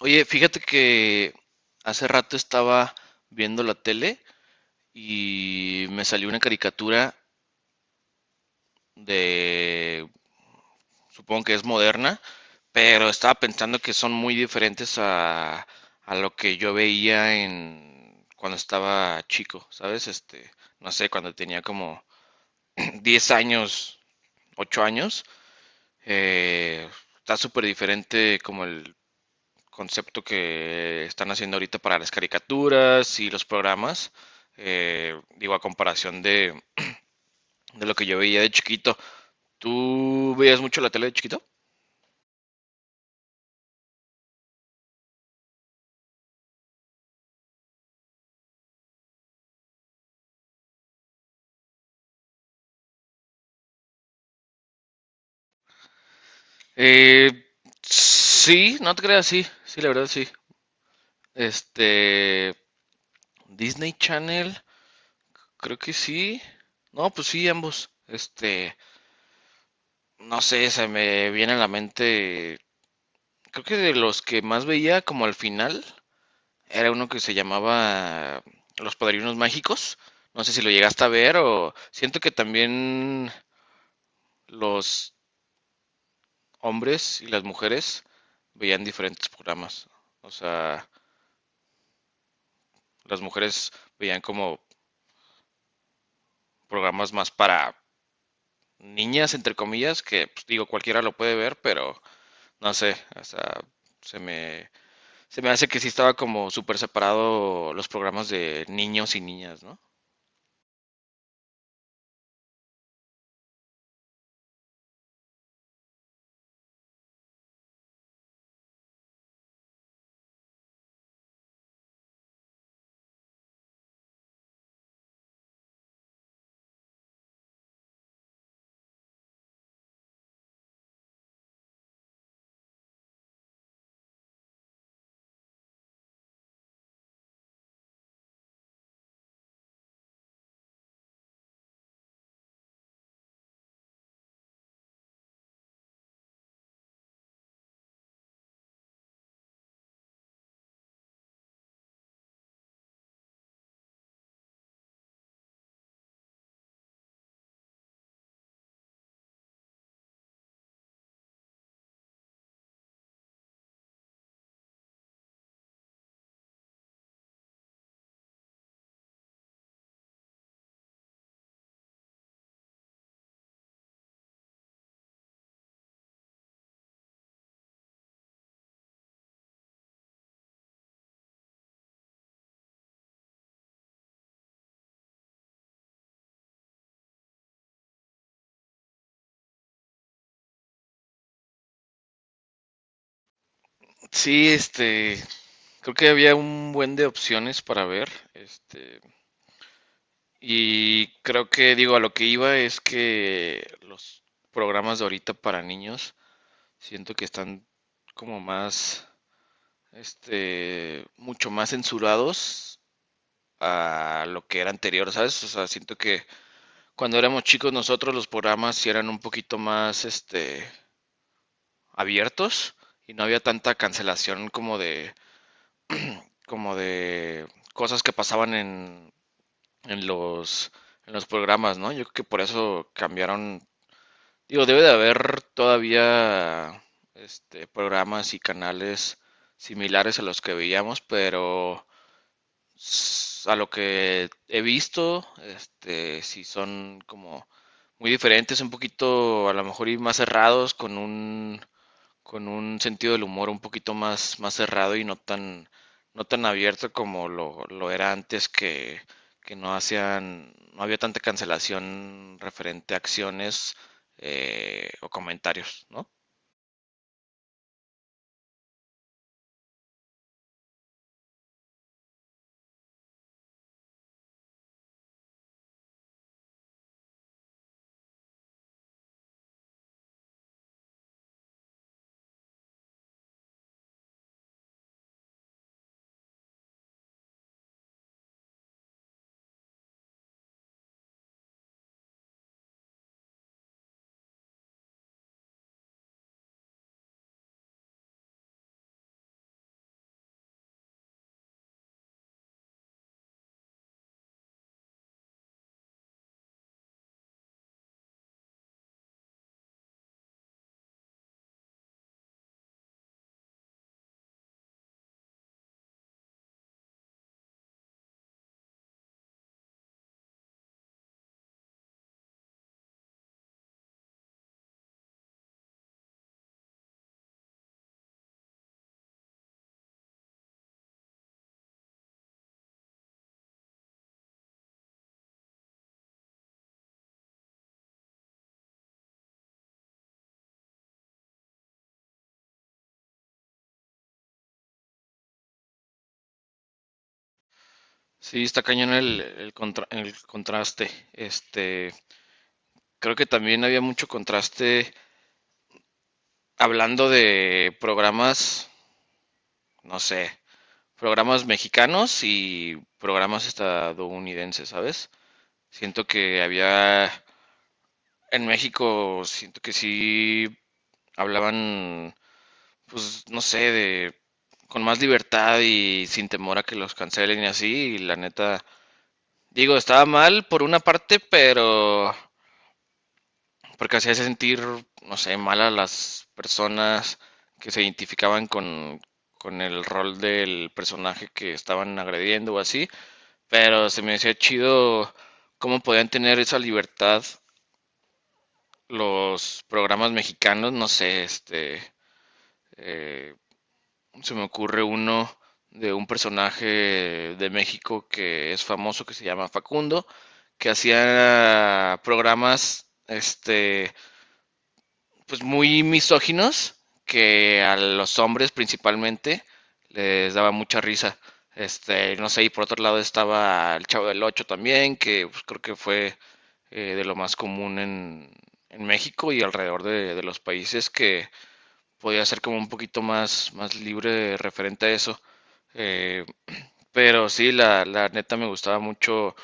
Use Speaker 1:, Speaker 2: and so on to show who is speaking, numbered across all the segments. Speaker 1: Oye, fíjate que hace rato estaba viendo la tele y me salió una caricatura de, supongo que es moderna, pero estaba pensando que son muy diferentes a lo que yo veía en cuando estaba chico, ¿sabes? No sé, cuando tenía como 10 años, 8 años, eh, está súper diferente como el concepto que están haciendo ahorita para las caricaturas y los programas, digo, a comparación de lo que yo veía de chiquito. ¿Tú veías mucho la tele de chiquito? Eh, sí, no te creas, sí, sí, la verdad sí. Este, Disney Channel, creo que sí. No, pues sí, ambos. No sé, se me viene a la mente, creo que de los que más veía como al final, era uno que se llamaba Los Padrinos Mágicos. No sé si lo llegaste a ver o siento que también los hombres y las mujeres veían diferentes programas. O sea, las mujeres veían como programas más para niñas, entre comillas, que pues, digo, cualquiera lo puede ver, pero no sé, o sea, se me, se me hace que sí estaba como súper separado los programas de niños y niñas, ¿no? Sí, creo que había un buen de opciones para ver, y creo que digo, a lo que iba es que los programas de ahorita para niños siento que están como mucho más censurados a lo que era anterior, ¿sabes? O sea, siento que cuando éramos chicos nosotros los programas sí eran un poquito abiertos y no había tanta cancelación como como de cosas que pasaban en en los programas, ¿no? Yo creo que por eso cambiaron. Digo, debe de haber todavía programas y canales similares a los que veíamos, pero a lo que he visto, sí son como muy diferentes, un poquito a lo mejor y más cerrados, con un sentido del humor un poquito más, más cerrado y no tan, no tan abierto como lo era antes que no hacían, no había tanta cancelación referente a acciones o comentarios, ¿no? Sí, está cañón el contraste. Creo que también había mucho contraste hablando de programas, no sé, programas mexicanos y programas estadounidenses, ¿sabes? Siento que había en México siento que sí hablaban, pues no sé, de con más libertad y sin temor a que los cancelen y así, y la neta, digo, estaba mal por una parte, pero porque hacía sentir, no sé, mal a las personas que se identificaban con el rol del personaje que estaban agrediendo o así, pero se me hacía chido cómo podían tener esa libertad los programas mexicanos, no sé, Eh, se me ocurre uno de un personaje de México que es famoso, que se llama Facundo, que hacía programas, pues muy misóginos, que a los hombres principalmente les daba mucha risa. No sé, y por otro lado estaba el Chavo del Ocho también, que pues, creo que fue de lo más común en México y alrededor de los países que podía ser como un poquito más, más libre referente a eso. Eh, pero sí, la neta me gustaba mucho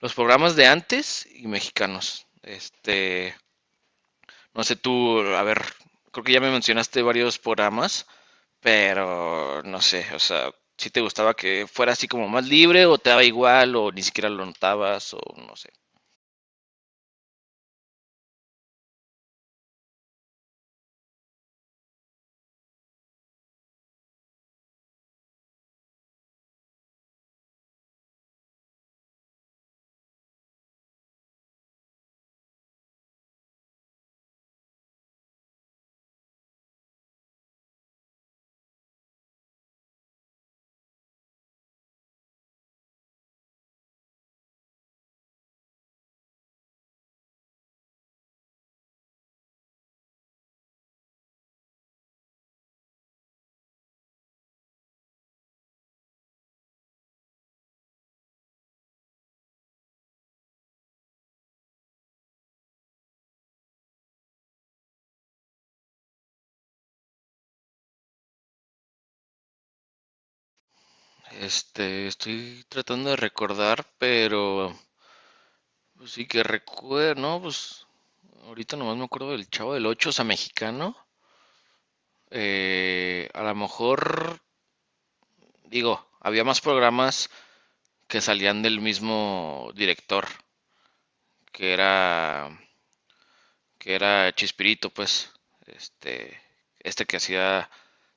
Speaker 1: los programas de antes y mexicanos. No sé tú, a ver, creo que ya me mencionaste varios programas, pero no sé, o sea, si te gustaba que fuera así como más libre o te daba igual o ni siquiera lo notabas o no sé. Estoy tratando de recordar, pero pues sí, que recuerde, no, pues ahorita nomás me acuerdo del Chavo del Ocho, o sea, mexicano. A lo mejor, digo, había más programas que salían del mismo director, que era, que era Chispirito, pues, este, este que hacía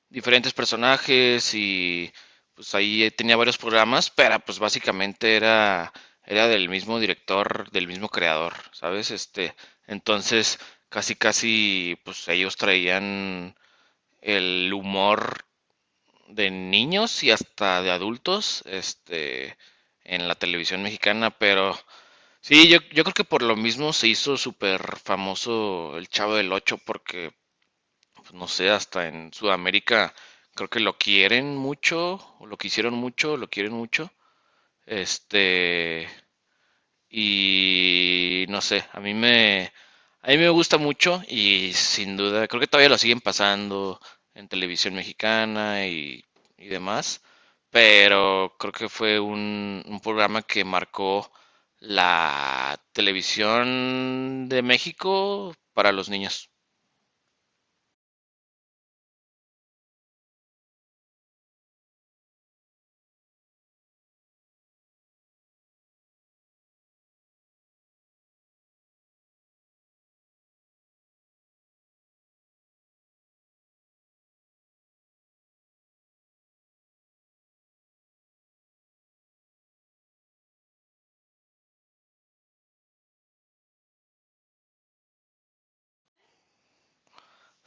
Speaker 1: diferentes personajes y pues ahí tenía varios programas, pero pues básicamente era del mismo director, del mismo creador, ¿sabes? Entonces casi casi pues ellos traían el humor de niños y hasta de adultos, en la televisión mexicana, pero sí, yo creo que por lo mismo se hizo súper famoso el Chavo del Ocho, porque pues, no sé, hasta en Sudamérica creo que lo quieren mucho, o lo quisieron mucho, o lo quieren mucho. Este, y no sé, a mí me gusta mucho y sin duda, creo que todavía lo siguen pasando en televisión mexicana y demás, pero creo que fue un programa que marcó la televisión de México para los niños.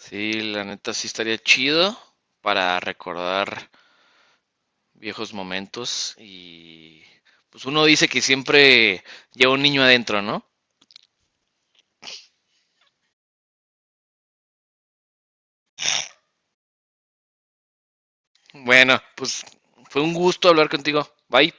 Speaker 1: Sí, la neta sí estaría chido para recordar viejos momentos y pues uno dice que siempre lleva un niño adentro, ¿no? Bueno, pues fue un gusto hablar contigo. Bye.